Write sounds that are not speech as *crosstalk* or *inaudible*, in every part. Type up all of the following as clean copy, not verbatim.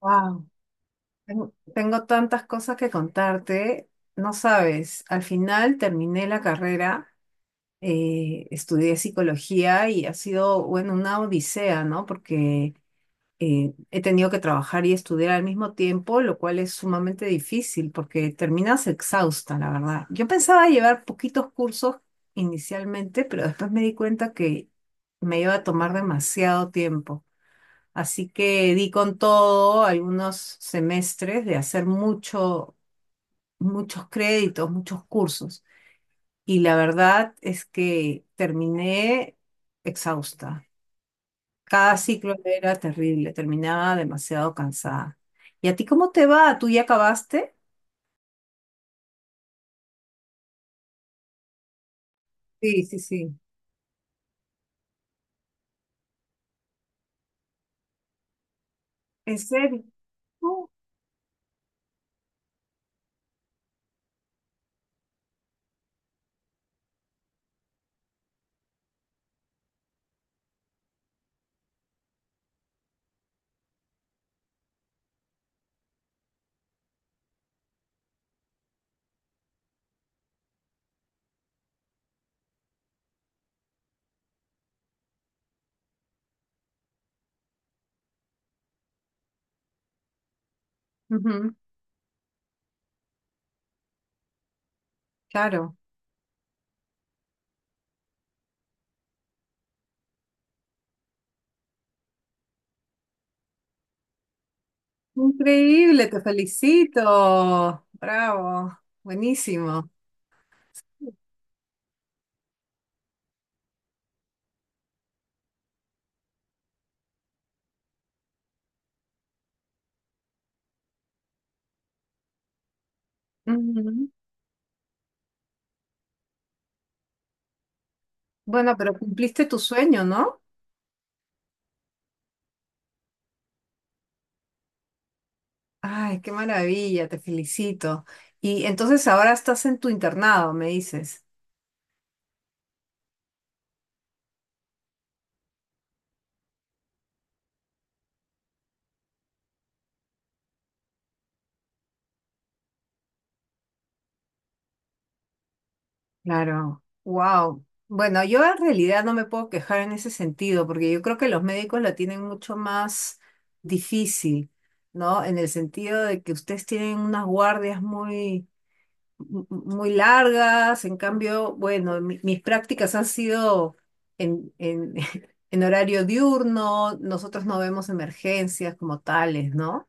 Wow, tengo tantas cosas que contarte, no sabes, al final terminé la carrera, estudié psicología y ha sido, bueno, una odisea, ¿no? Porque he tenido que trabajar y estudiar al mismo tiempo, lo cual es sumamente difícil porque terminas exhausta, la verdad. Yo pensaba llevar poquitos cursos inicialmente, pero después me di cuenta que me iba a tomar demasiado tiempo. Así que di con todo algunos semestres de hacer muchos créditos, muchos cursos. Y la verdad es que terminé exhausta. Cada ciclo era terrible, terminaba demasiado cansada. ¿Y a ti cómo te va? ¿Tú ya acabaste? Sí, sí, sí. ¿En serio? Oh, ujú, claro. Increíble, te felicito. Bravo, buenísimo. Ujú. Bueno, pero cumpliste tu sueño, ¿no? Ay, qué maravilla, te felicito. Y entonces ahora estás en tu internado, me dices. Claro, wow. Bueno, yo en realidad no me puedo quejar en ese sentido, porque yo creo que los médicos la tienen mucho más difícil, ¿no? En el sentido de que ustedes tienen unas guardias muy largas. En cambio, bueno, mis prácticas han sido en, en, *laughs* en horario diurno, nosotros no vemos emergencias como tales, ¿no?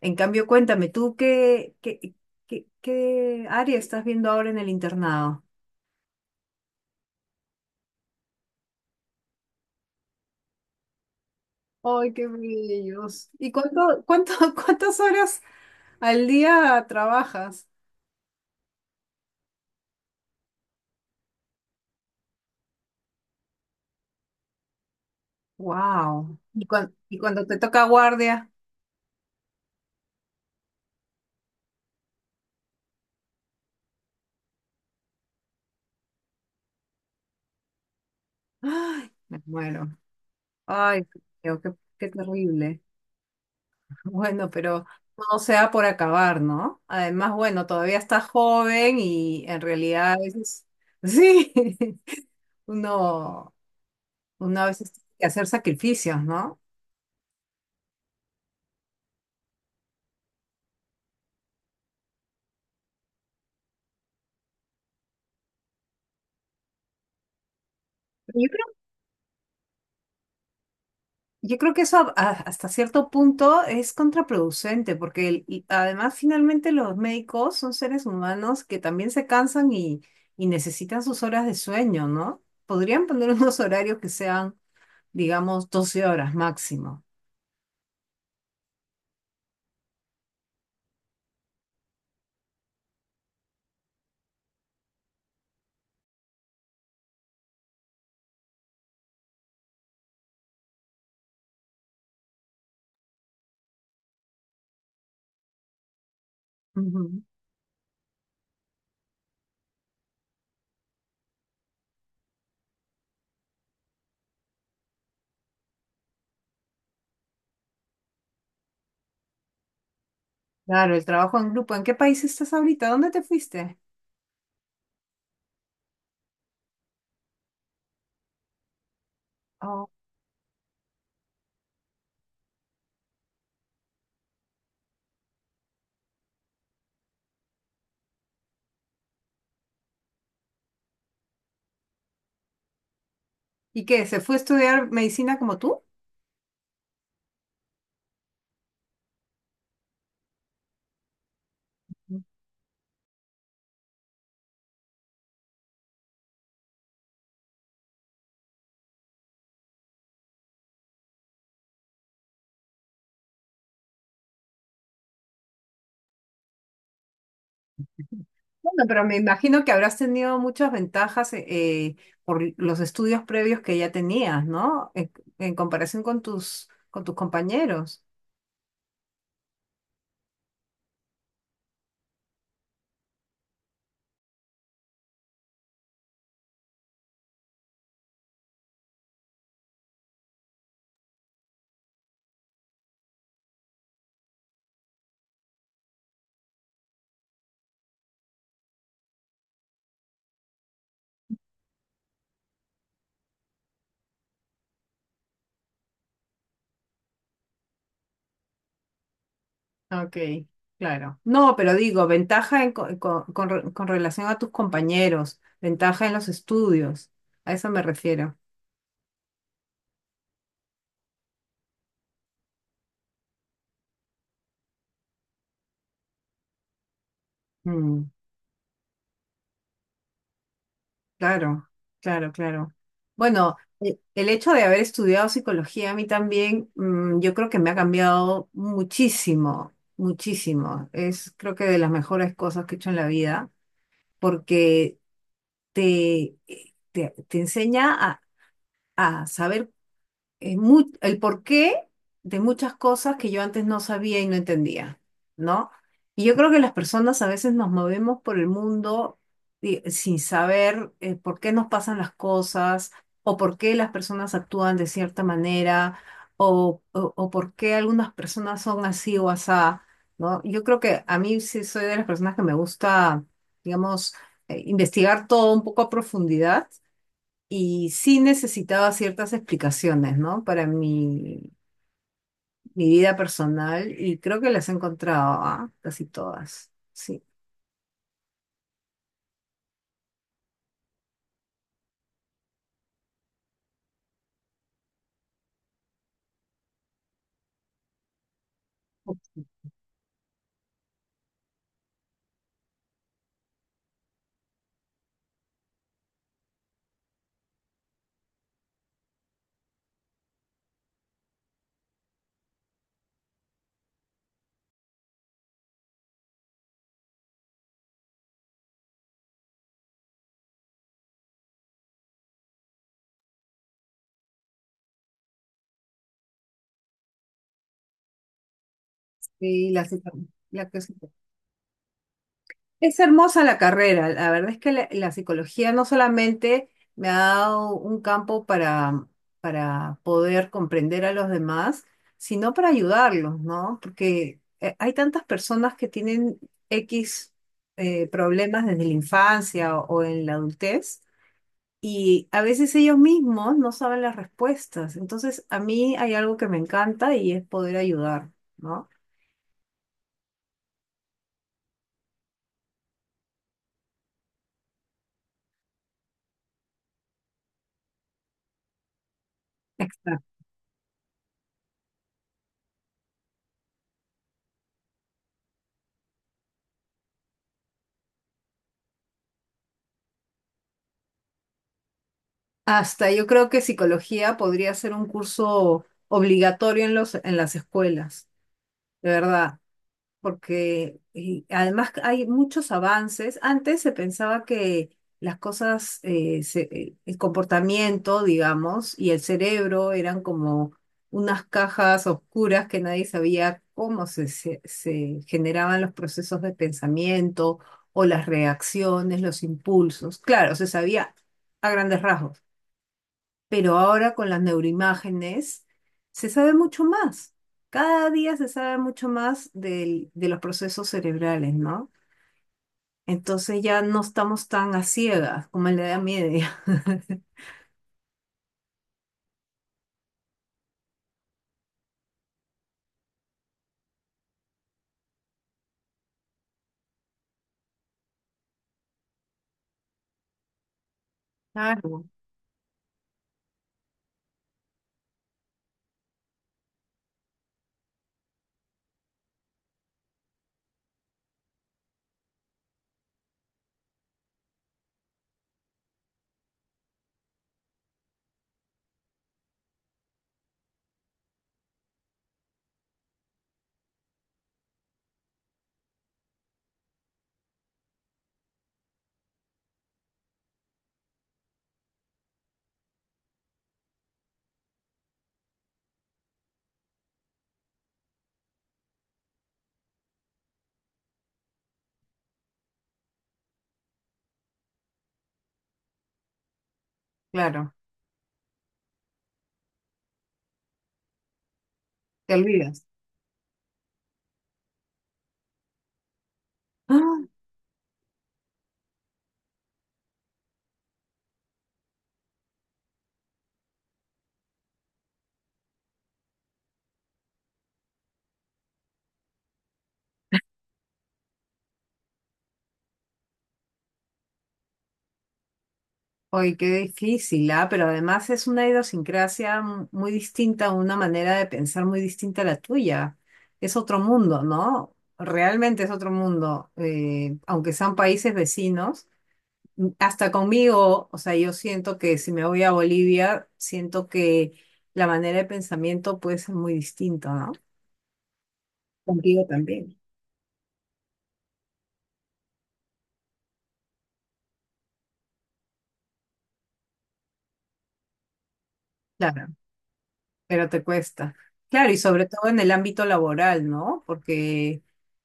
En cambio, cuéntame, ¿tú qué área estás viendo ahora en el internado? ¡Ay, qué bellos! ¿Y cuánto, *laughs* cuántas horas al día trabajas? ¡Wow! ¿Y, cuando te toca guardia? ¡Ay, me muero! ¡Ay, qué, qué terrible! Bueno, pero no sea por acabar, ¿no? Además, bueno, todavía está joven y en realidad a veces, *laughs* sí, uno, uno a veces tiene que hacer sacrificios, ¿no? Pero yo creo que eso hasta cierto punto es contraproducente, porque y además finalmente los médicos son seres humanos que también se cansan y necesitan sus horas de sueño, ¿no? Podrían poner *laughs* unos horarios que sean, digamos, 12 horas máximo. Claro, el trabajo en grupo. ¿En qué país estás ahorita? ¿Dónde te fuiste? Oh, ¿Y qué? ¿Se fue a estudiar medicina como tú? Bueno, pero me imagino que habrás tenido muchas ventajas por los estudios previos que ya tenías, ¿no? En comparación con tus compañeros. Ok, claro. No, pero digo, ventaja en con relación a tus compañeros, ventaja en los estudios. A eso me refiero. Claro, claro, claro. Bueno, el hecho de haber estudiado psicología a mí también, yo creo que me ha cambiado muchísimo, muchísimo. Es creo que de las mejores cosas que he hecho en la vida, porque te enseña a saber el porqué de muchas cosas que yo antes no sabía y no entendía, ¿no? Y yo creo que las personas a veces nos movemos por el mundo sin saber por qué nos pasan las cosas o por qué las personas actúan de cierta manera o por qué algunas personas son así o asá, ¿no? Yo creo que a mí sí soy de las personas que me gusta, digamos, investigar todo un poco a profundidad y sí necesitaba ciertas explicaciones, ¿no? Para mi vida personal y creo que las he encontrado, ¿ah? Casi todas. Sí. Sí, la, psico- la que- es hermosa la carrera. La verdad es que la psicología no solamente me ha dado un campo para poder comprender a los demás, sino para ayudarlos, ¿no? Porque hay tantas personas que tienen X problemas desde la infancia o en la adultez. Y a veces ellos mismos no saben las respuestas. Entonces, a mí hay algo que me encanta y es poder ayudar, ¿no? Exacto. Hasta yo creo que psicología podría ser un curso obligatorio en los, en las escuelas, de verdad. Porque y además hay muchos avances. Antes se pensaba que las cosas, el comportamiento, digamos, y el cerebro eran como unas cajas oscuras que nadie sabía cómo se generaban los procesos de pensamiento o las reacciones, los impulsos. Claro, se sabía a grandes rasgos, pero ahora con las neuroimágenes se sabe mucho más. Cada día se sabe mucho más de los procesos cerebrales, ¿no? Entonces ya no estamos tan a ciegas como en la Edad Media. *laughs* Claro, claro, te olvidas. ¡Ah! Oye, qué difícil, ¿ah? Pero además es una idiosincrasia muy distinta, una manera de pensar muy distinta a la tuya. Es otro mundo, ¿no? Realmente es otro mundo. Aunque sean países vecinos, hasta conmigo, o sea, yo siento que si me voy a Bolivia, siento que la manera de pensamiento puede ser muy distinta, ¿no? Contigo también. Claro, pero te cuesta. Claro, y sobre todo en el ámbito laboral, ¿no? Porque,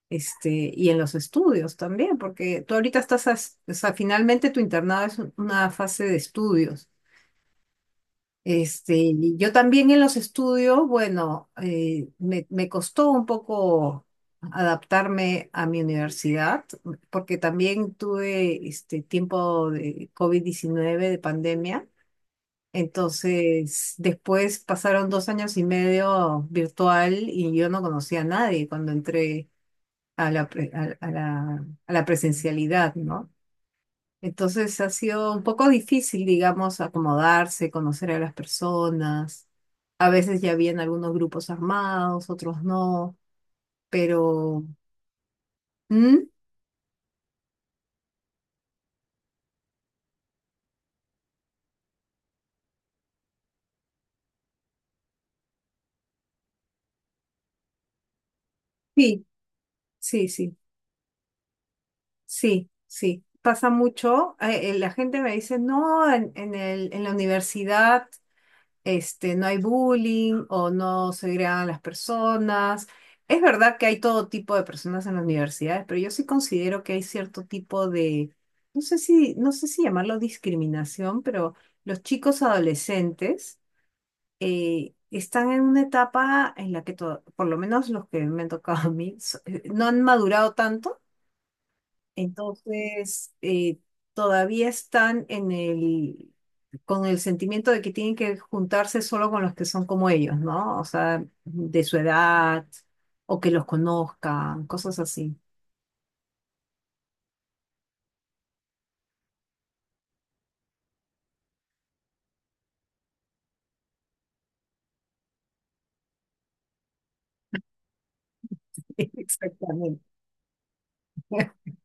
este, y en los estudios también, porque tú ahorita estás, o sea, finalmente tu internado es una fase de estudios. Este, y yo también en los estudios, bueno, me costó un poco adaptarme a mi universidad, porque también tuve este tiempo de COVID-19 de pandemia. Entonces, después pasaron 2 años y medio virtual y yo no conocía a nadie cuando entré a la presencialidad, ¿no? Entonces ha sido un poco difícil, digamos, acomodarse, conocer a las personas. A veces ya habían algunos grupos armados, otros no, pero ¿Mm? Sí, sí, sí, sí, sí. Pasa mucho. La gente me dice, no, en la universidad, este, no hay bullying o no se segregan las personas. Es verdad que hay todo tipo de personas en las universidades, pero yo sí considero que hay cierto tipo de, no sé si llamarlo discriminación, pero los chicos adolescentes están en una etapa en la que, por lo menos los que me han tocado a mí, no han madurado tanto, entonces, todavía están con el sentimiento de que tienen que juntarse solo con los que son como ellos, ¿no? O sea, de su edad o que los conozcan, cosas así. *laughs* Exactamente. *laughs*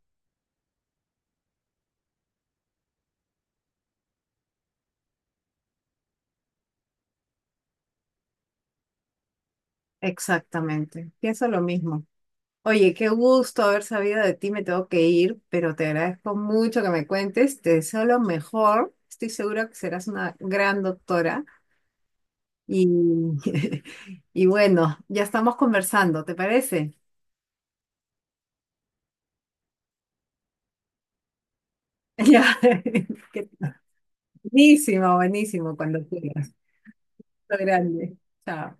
Exactamente. Pienso lo mismo. Oye, qué gusto haber sabido de ti, me tengo que ir, pero te agradezco mucho que me cuentes, te deseo lo mejor, estoy segura que serás una gran doctora. Y, *laughs* y bueno, ya estamos conversando, ¿te parece? *laughs* Ya. *laughs* Qué- Buenísimo, buenísimo, cuando quieras. Lo grande. Chao.